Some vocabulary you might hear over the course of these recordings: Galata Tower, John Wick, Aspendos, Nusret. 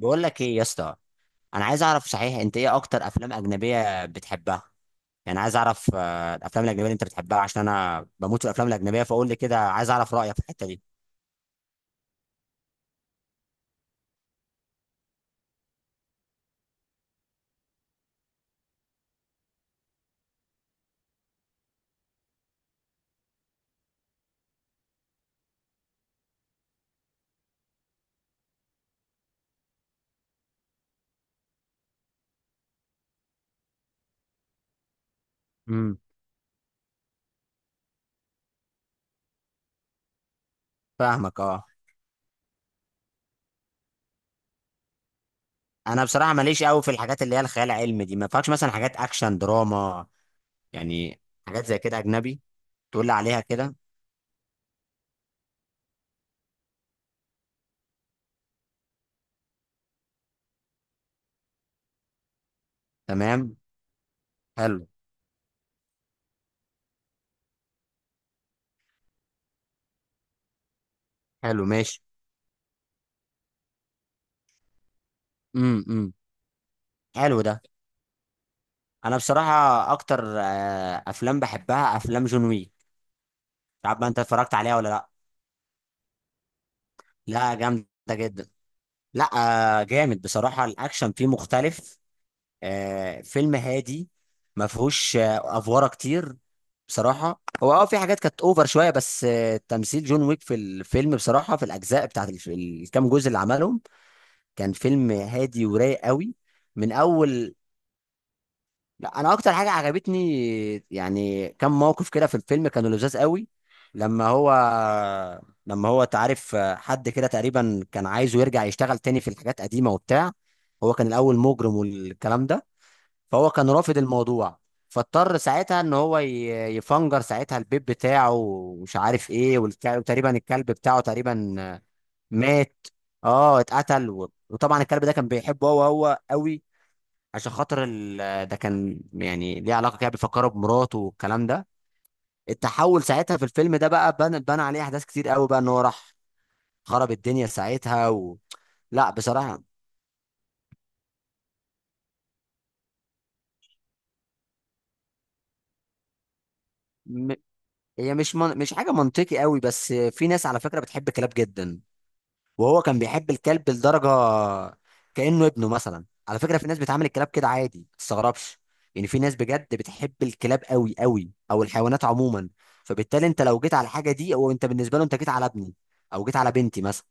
بقول لك ايه يا اسطى. انا عايز اعرف صحيح، انت ايه اكتر افلام اجنبيه بتحبها؟ يعني عايز اعرف الافلام الاجنبيه اللي انت بتحبها، عشان انا بموت في الافلام الاجنبيه، فقول لي كده، عايز اعرف رايك في الحته دي. امم. فاهمك، اه. انا بصراحه ماليش قوي في الحاجات اللي هي الخيال العلمي دي، ما فيهاش مثلا حاجات اكشن، دراما يعني، حاجات زي كده اجنبي تقول لي عليها كده. تمام. حلو. حلو، ماشي. امم، امم. حلو ده. انا بصراحه اكتر افلام بحبها افلام جون ويك. مش عارف بقى انت اتفرجت عليها ولا لا. لا جامده جدا. لا. جامد بصراحة، الأكشن فيه مختلف. فيلم هادي. ما فيهوش أفوارة كتير. بصراحة هو في حاجات كانت أوفر شوية، بس تمثيل جون ويك في الفيلم بصراحة، في الأجزاء بتاعت الكام جزء اللي عملهم كان فيلم هادي ورايق قوي. من أول، لا، انا اكتر حاجه عجبتني يعني كم موقف كده في الفيلم كانوا لذاذ قوي. لما هو، لما هو تعرف حد كده تقريبا كان عايزه يرجع يشتغل تاني في الحاجات قديمه وبتاع. هو كان الاول مجرم والكلام ده. فهو كان رافض الموضوع، فاضطر ساعتها ان هو يفنجر ساعتها البيت بتاعه، ومش عارف ايه، وتقريبا الكلب بتاعه تقريبا مات. اه، اتقتل. وطبعا الكلب ده كان بيحبه هو هو قوي، عشان خاطر ده، كان يعني ليه علاقه كده، بيفكروا بمراته والكلام ده. التحول ساعتها في الفيلم ده بقى بنى عليه احداث كتير قوي بقى، ان هو راح خرب الدنيا ساعتها. لا بصراحه. م... هي مش حاجه منطقي قوي، بس في ناس على فكره بتحب كلاب جدا. وهو كان بيحب الكلب لدرجه كانه ابنه مثلا. على فكره، في ناس بتعامل الكلاب كده عادي، ما تستغربش. يعني في ناس بجد بتحب الكلاب قوي قوي، او الحيوانات عموما. فبالتالي انت لو جيت على الحاجه دي، او انت بالنسبه له انت جيت على ابني، او جيت على بنتي مثلا.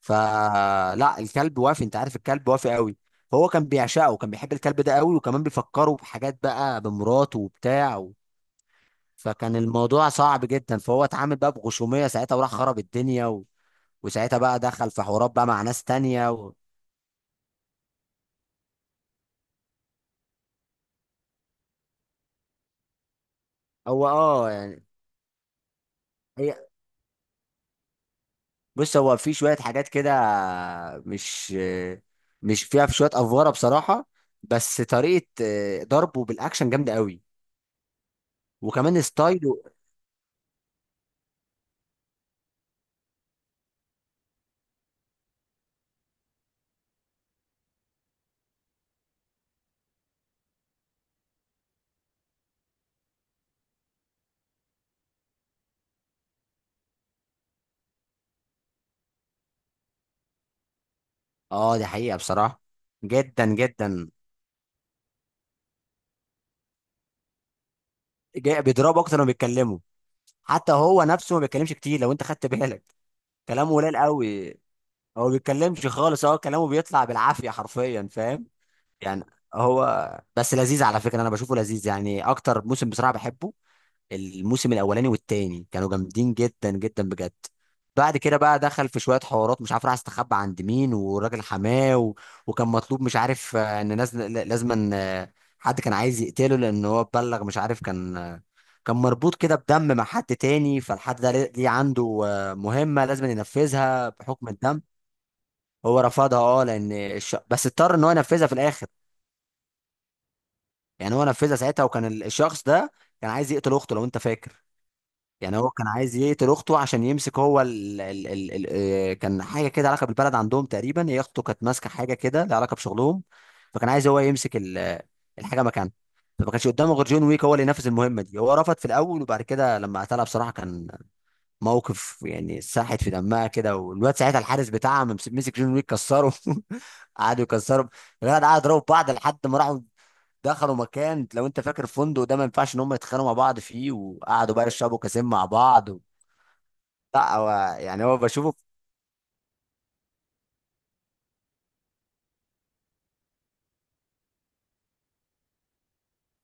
فلا، الكلب وافي، انت عارف الكلب وافي قوي، فهو كان بيعشقه وكان بيحب الكلب ده قوي، وكمان بيفكره بحاجات بقى بمراته وبتاع. فكان الموضوع صعب جدا، فهو اتعامل بقى بغشوميه ساعتها وراح خرب الدنيا، وساعتها بقى دخل في حوارات بقى مع ناس تانية. هو يعني، هي، بص، هو في شوية حاجات كده مش مش فيها، في شوية أفوارة بصراحة، بس طريقة ضربه بالأكشن جامدة قوي، وكمان ستايله. اه، دي حقيقة بصراحة، جدا جدا. جاي بيضربه أكتر ما بيتكلمه، حتى هو نفسه ما بيتكلمش كتير لو أنت خدت بالك، كلامه قليل قوي، هو ما بيتكلمش خالص، هو كلامه بيطلع بالعافية حرفيا، فاهم؟ يعني هو بس لذيذ، على فكره انا بشوفه لذيذ، يعني اكتر موسم بصراحه بحبه الموسم الاولاني والتاني، كانوا جامدين جدا جدا بجد. بعد كده بقى دخل في شويه حوارات، مش عارف راح استخبى عند مين وراجل حماه. وكان مطلوب، مش عارف، ان ناس لازم أن، حد كان عايز يقتله لان هو اتبلغ، مش عارف، كان كان مربوط كده بدم مع حد تاني، فالحد ده ليه عنده مهمه لازم ينفذها بحكم الدم. هو رفضها، اه، لان بس اضطر ان هو ينفذها في الاخر. يعني هو نفذها ساعتها، وكان الشخص ده كان عايز يقتل اخته لو انت فاكر. يعني هو كان عايز يقتل اخته، عشان يمسك هو ال ال ال ال كان حاجه كده علاقه بالبلد عندهم تقريبا، هي اخته كانت ماسكه حاجه كده لها علاقه بشغلهم، فكان عايز هو يمسك الحاجه مكانها. فما كانش قدامه غير جون ويك هو اللي ينفذ المهمه دي. هو رفض في الاول، وبعد كده لما قتلها بصراحه، كان موقف، يعني ساحت في دمها كده، والواد ساعتها الحارس بتاعها مسك جون ويك، كسره قعدوا يكسروا، الولد قعد يضربوا في بعض لحد ما راحوا دخلوا مكان، لو انت فاكر، فندق ده ما ينفعش ان هم يتخانقوا مع بعض فيه، وقعدوا بقى يشربوا كاسين مع بعض. لا، هو يعني هو بشوفه.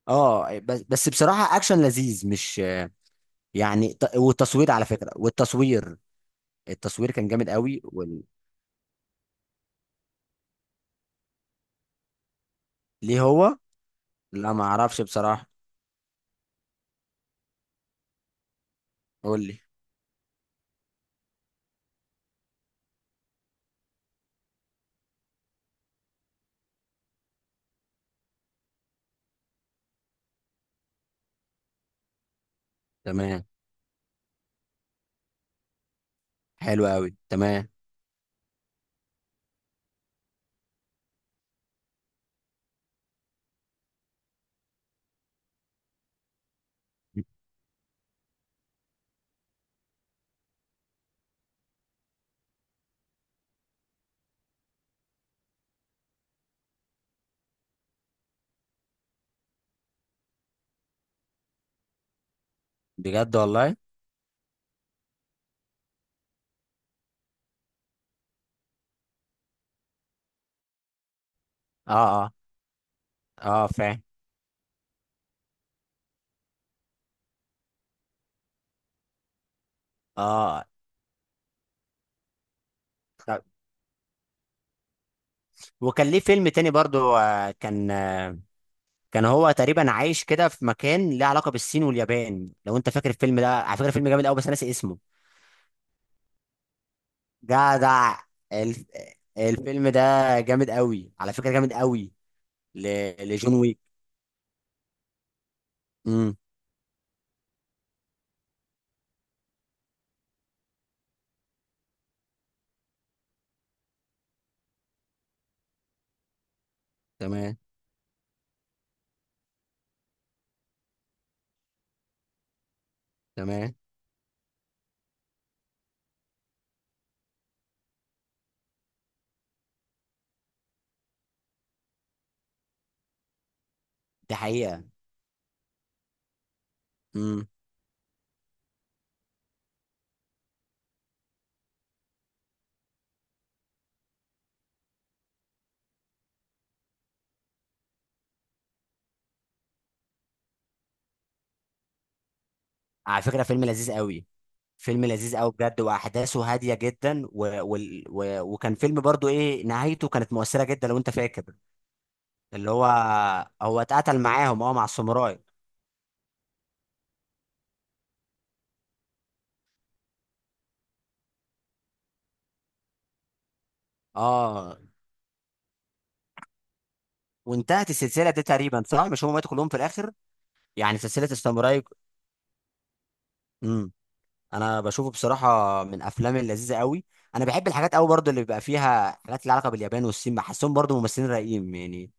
اه، بس بصراحه اكشن لذيذ، مش يعني والتصوير على فكره، والتصوير كان جامد قوي. ليه هو؟ لا ما اعرفش بصراحه. قول لي. تمام. حلو قوي، تمام. بجد والله. اه. اه، اه، فاهم. اه، طب. وكان ليه فيلم تاني برضو، كان هو تقريبا عايش كده في مكان ليه علاقه بالصين واليابان، لو انت فاكر الفيلم ده، على فكره فيلم جامد قوي، بس انا ناسي اسمه. جدع. الف... الفيلم ده جامد قوي على فكره، جامد قوي. ل... لجون ويك. امم. تمام. تمام. دي حقيقه. امم. على فكره فيلم لذيذ قوي، فيلم لذيذ قوي بجد، واحداثه هاديه جدا. وكان فيلم برضو، ايه، نهايته كانت مؤثره جدا لو انت فاكر، اللي هو هو اتقتل معاهم، اه، مع الساموراي. اه. وانتهت السلسله دي تقريبا صح، مش هم ماتوا كلهم في الاخر؟ يعني سلسله الساموراي. امم. انا بشوفه بصراحه من افلام اللذيذه قوي. انا بحب الحاجات قوي برضو اللي بيبقى فيها حاجات لها علاقه باليابان والصين، بحسهم برضو ممثلين رايقين يعني،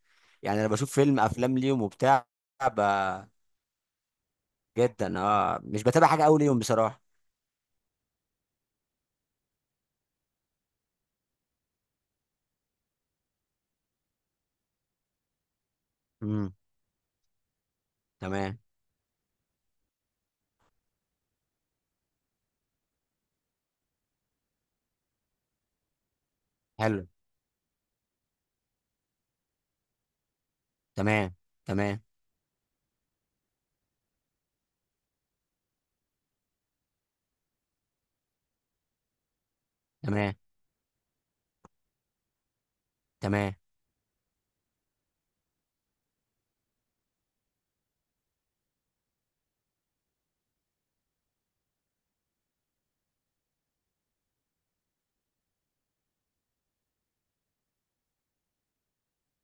يعني انا بشوف فيلم افلام ليهم وبتاع. ب... جدا، اه، مش بتابع حاجه قوي ليهم بصراحه. امم. تمام. حلو. تمام، تمام. تمام، تمام.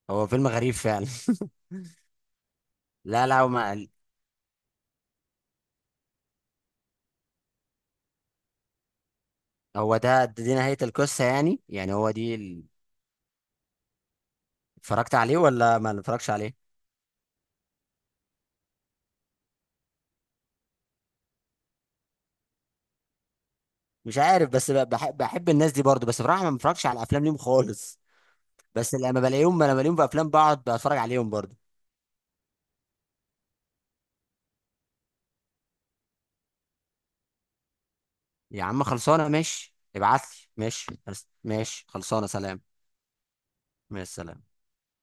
هو فيلم غريب فعلا. لا لا، هو ما هو ده دي نهاية القصة، يعني هو دي؟ اتفرجت عليه ولا ما اتفرجش عليه؟ مش عارف، بس بحب الناس دي برضو، بس بصراحه ما بتفرجش على افلام ليهم خالص، بس لما بلاقيهم في افلام بقعد بتفرج عليهم برضو. يا عم خلصانه، ماشي، ابعت لي، ماشي. ماشي، خلصانه، سلام. مع السلامه.